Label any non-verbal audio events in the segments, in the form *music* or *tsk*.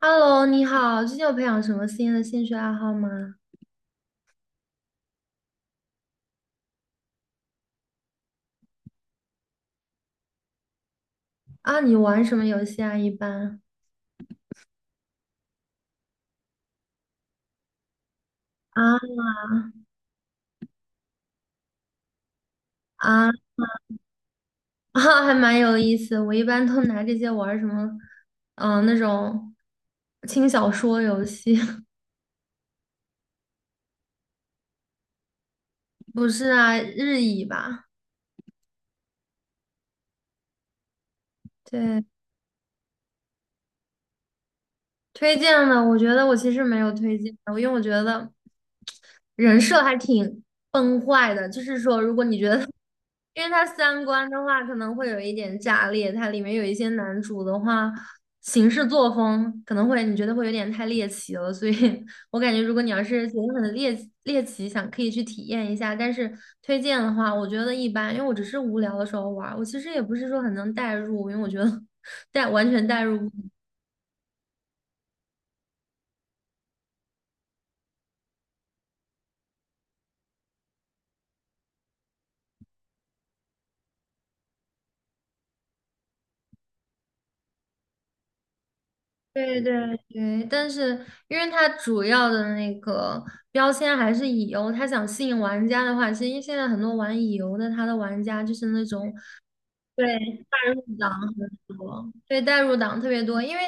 Hello，你好，最近有培养什么新的兴趣爱好吗？啊，你玩什么游戏啊？一般啊啊 *laughs* 啊，还蛮有意思。我一般都拿这些玩儿什么，嗯、那种轻小说游戏，*laughs* 不是啊，日语吧？对，推荐的，我觉得我其实没有推荐的，因为我觉得人设还挺崩坏的。就是说，如果你觉得 *laughs* 因为它三观的话可能会有一点炸裂，它里面有一些男主的话行事作风可能会你觉得会有点太猎奇了，所以 *laughs* 我感觉如果你要是觉得很猎奇，想可以去体验一下，但是推荐的话，我觉得一般，因为我只是无聊的时候玩儿我其实也不是说很能代入，因为我觉得 *laughs* 代完全代入不对对对，但是因为它主要的那个标签还是乙游，它想吸引玩家的话，其实现在很多玩乙游的，他的玩家就是那种对代入党很多，对代入党特别多，因为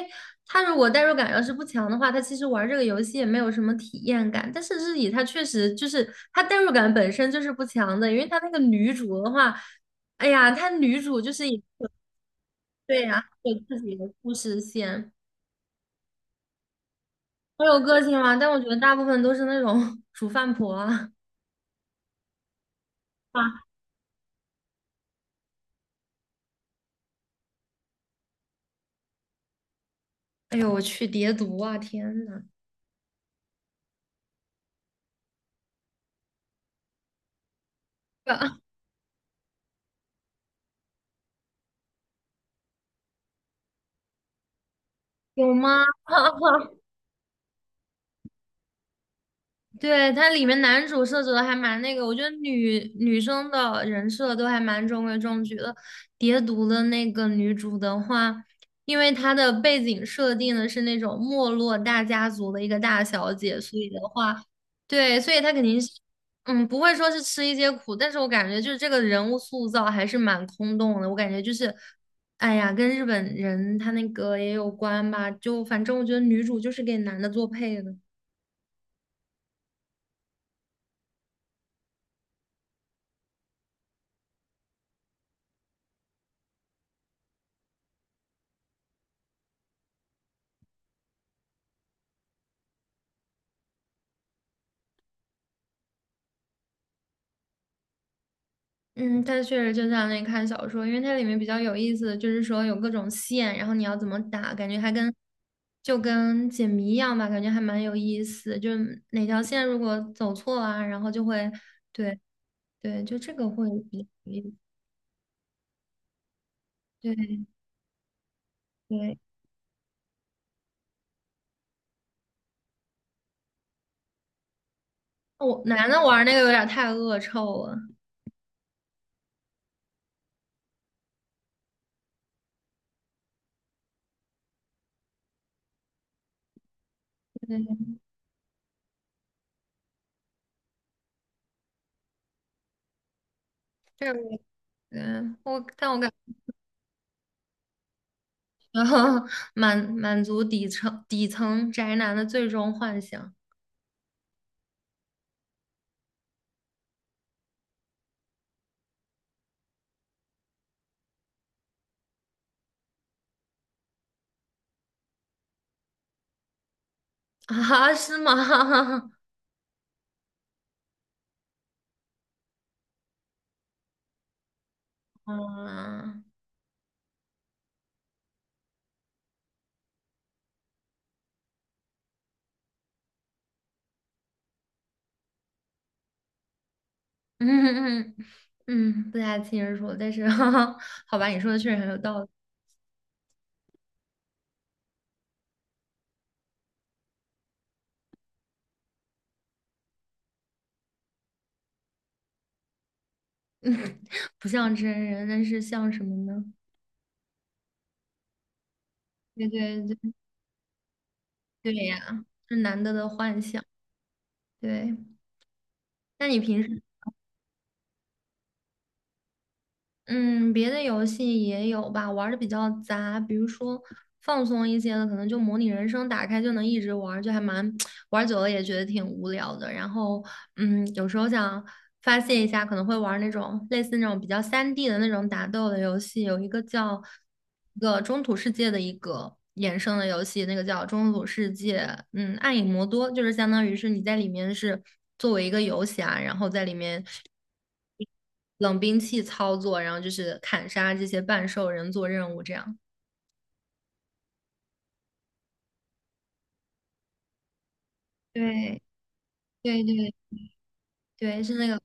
他如果代入感要是不强的话，他其实玩这个游戏也没有什么体验感。但是日乙它确实就是它代入感本身就是不强的，因为它那个女主的话，哎呀，她女主就是也对呀、有自己的故事线。我有个性吗？但我觉得大部分都是那种 *laughs* 煮饭婆啊。*laughs* 哎呦我去，叠毒啊！天呐，*laughs* 有吗？*laughs* 对，它里面男主设置的还蛮那个，我觉得女生的人设都还蛮中规中矩的。蝶毒的那个女主的话，因为她的背景设定的是那种没落大家族的一个大小姐，所以的话，对，所以她肯定是，嗯，不会说是吃一些苦，但是我感觉就是这个人物塑造还是蛮空洞的，我感觉就是，哎呀，跟日本人他那个也有关吧，就反正我觉得女主就是给男的做配的。嗯，它确实就像那看小说，因为它里面比较有意思的就是说有各种线，然后你要怎么打，感觉还跟就跟解谜一样吧，感觉还蛮有意思。就是哪条线如果走错啊，然后就会，对对，就这个会比较有意思对对，我男的玩那个有点太恶臭了。对，对。个嗯但我感觉 *laughs* 满足底层宅男的最终幻想啊，是吗？*laughs* 啊。嗯嗯嗯，不太清楚，但是 *laughs* 好吧，你说的确实很有道理，*laughs* 不像真人，但是像什么呢？对对对对呀，是难得的幻想。对，那你平时嗯，别的游戏也有吧，玩的比较杂，比如说放松一些的，可能就模拟人生，打开就能一直玩儿就还蛮 *tsk* 玩久了也觉得挺无聊的。然后，嗯，有时候想发泄一下，可能会玩儿那种类似那种比较3D 的那种打斗的游戏，有一个叫一个中土世界的一个衍生的游戏，那个叫中土世界，嗯，暗影魔多，就是相当于是你在里面是作为一个游侠，然后在里面。冷兵器操作，然后就是砍杀这些半兽人做任务这样。对对对对，是那个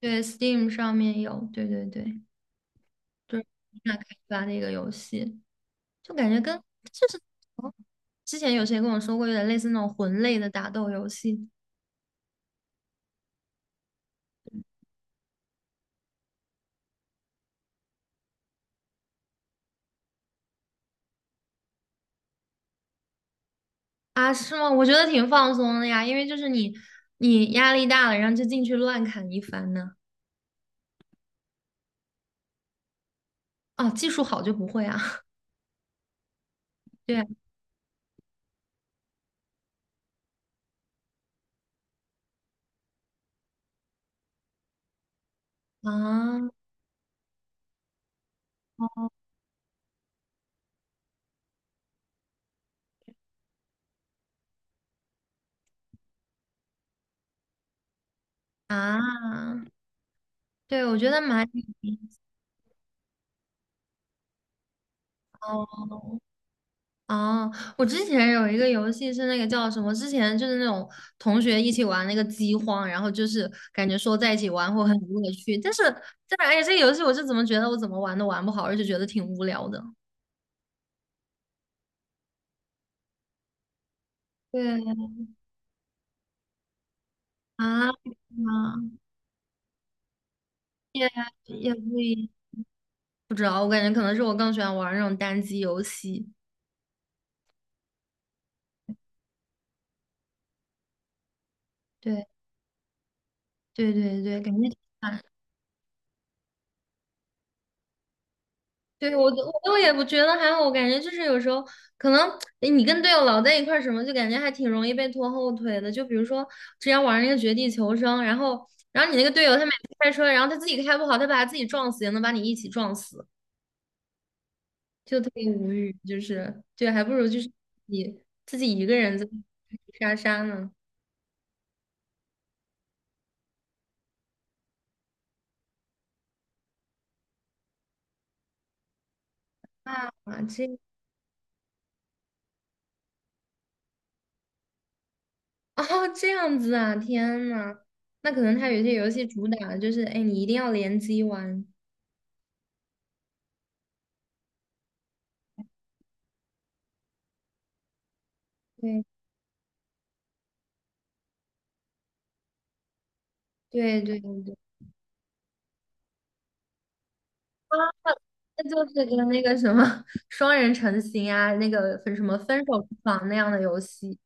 对 Steam 上面有，对对对，就是那开发的一个游戏，就感觉跟就是哦之前有谁跟我说过，有点类似那种魂类的打斗游戏啊？是吗？我觉得挺放松的呀，因为就是你压力大了，然后就进去乱砍一番呢。哦，技术好就不会啊？*laughs* 对啊啊，啊对，我觉得蛮有意思。哦哦，我之前有一个游戏是那个叫什么？之前就是那种同学一起玩那个饥荒，然后就是感觉说在一起玩会很有乐趣，但是但是哎呀，这个游戏我是怎么觉得我怎么玩都玩不好，而且觉得挺无聊的。对啊，啊也也不一不知道，我感觉可能是我更喜欢玩那种单机游戏。对对对对，感觉。对，我都也不觉得还好，我感觉就是有时候可能诶你跟队友老在一块儿什么，就感觉还挺容易被拖后腿的。就比如说之前玩那个绝地求生，然后你那个队友他每次开车，然后他自己开不好，他把他自己撞死，也能把你一起撞死，就特别无语。就是对，还不如就是你自己一个人在杀杀呢。啊，这哦这样子啊，天呐，那可能他有些游戏主打的就是哎，你一定要联机玩。对对对对对。那就是跟那个什么双人成行啊，那个分什么分手厨房那样的游戏。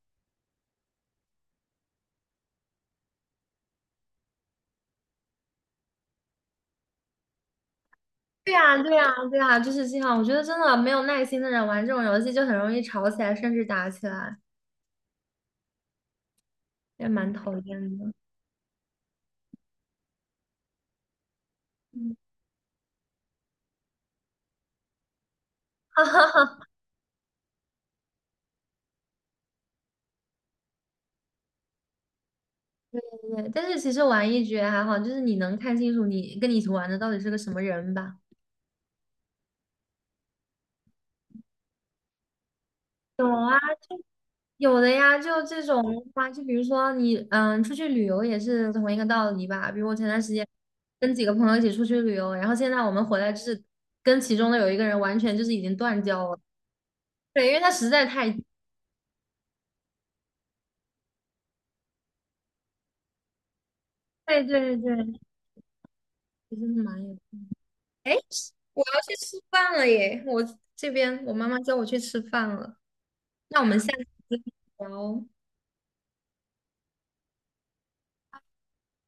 对呀，对呀，对呀，就是这样。我觉得真的没有耐心的人玩这种游戏就很容易吵起来，甚至打起来，也蛮讨厌的。嗯对，但是其实玩一局还好，就是你能看清楚你跟你一起玩的到底是个什么人吧。有啊。有的呀，就这种的话，就比如说你，嗯，出去旅游也是同一个道理吧。比如我前段时间跟几个朋友一起出去旅游，然后现在我们回来就是跟其中的有一个人完全就是已经断交了，对，因为他实在太，对对对，其实是蛮有。哎，我要去吃饭了耶，我这边我妈妈叫我去吃饭了，那我们下次再聊。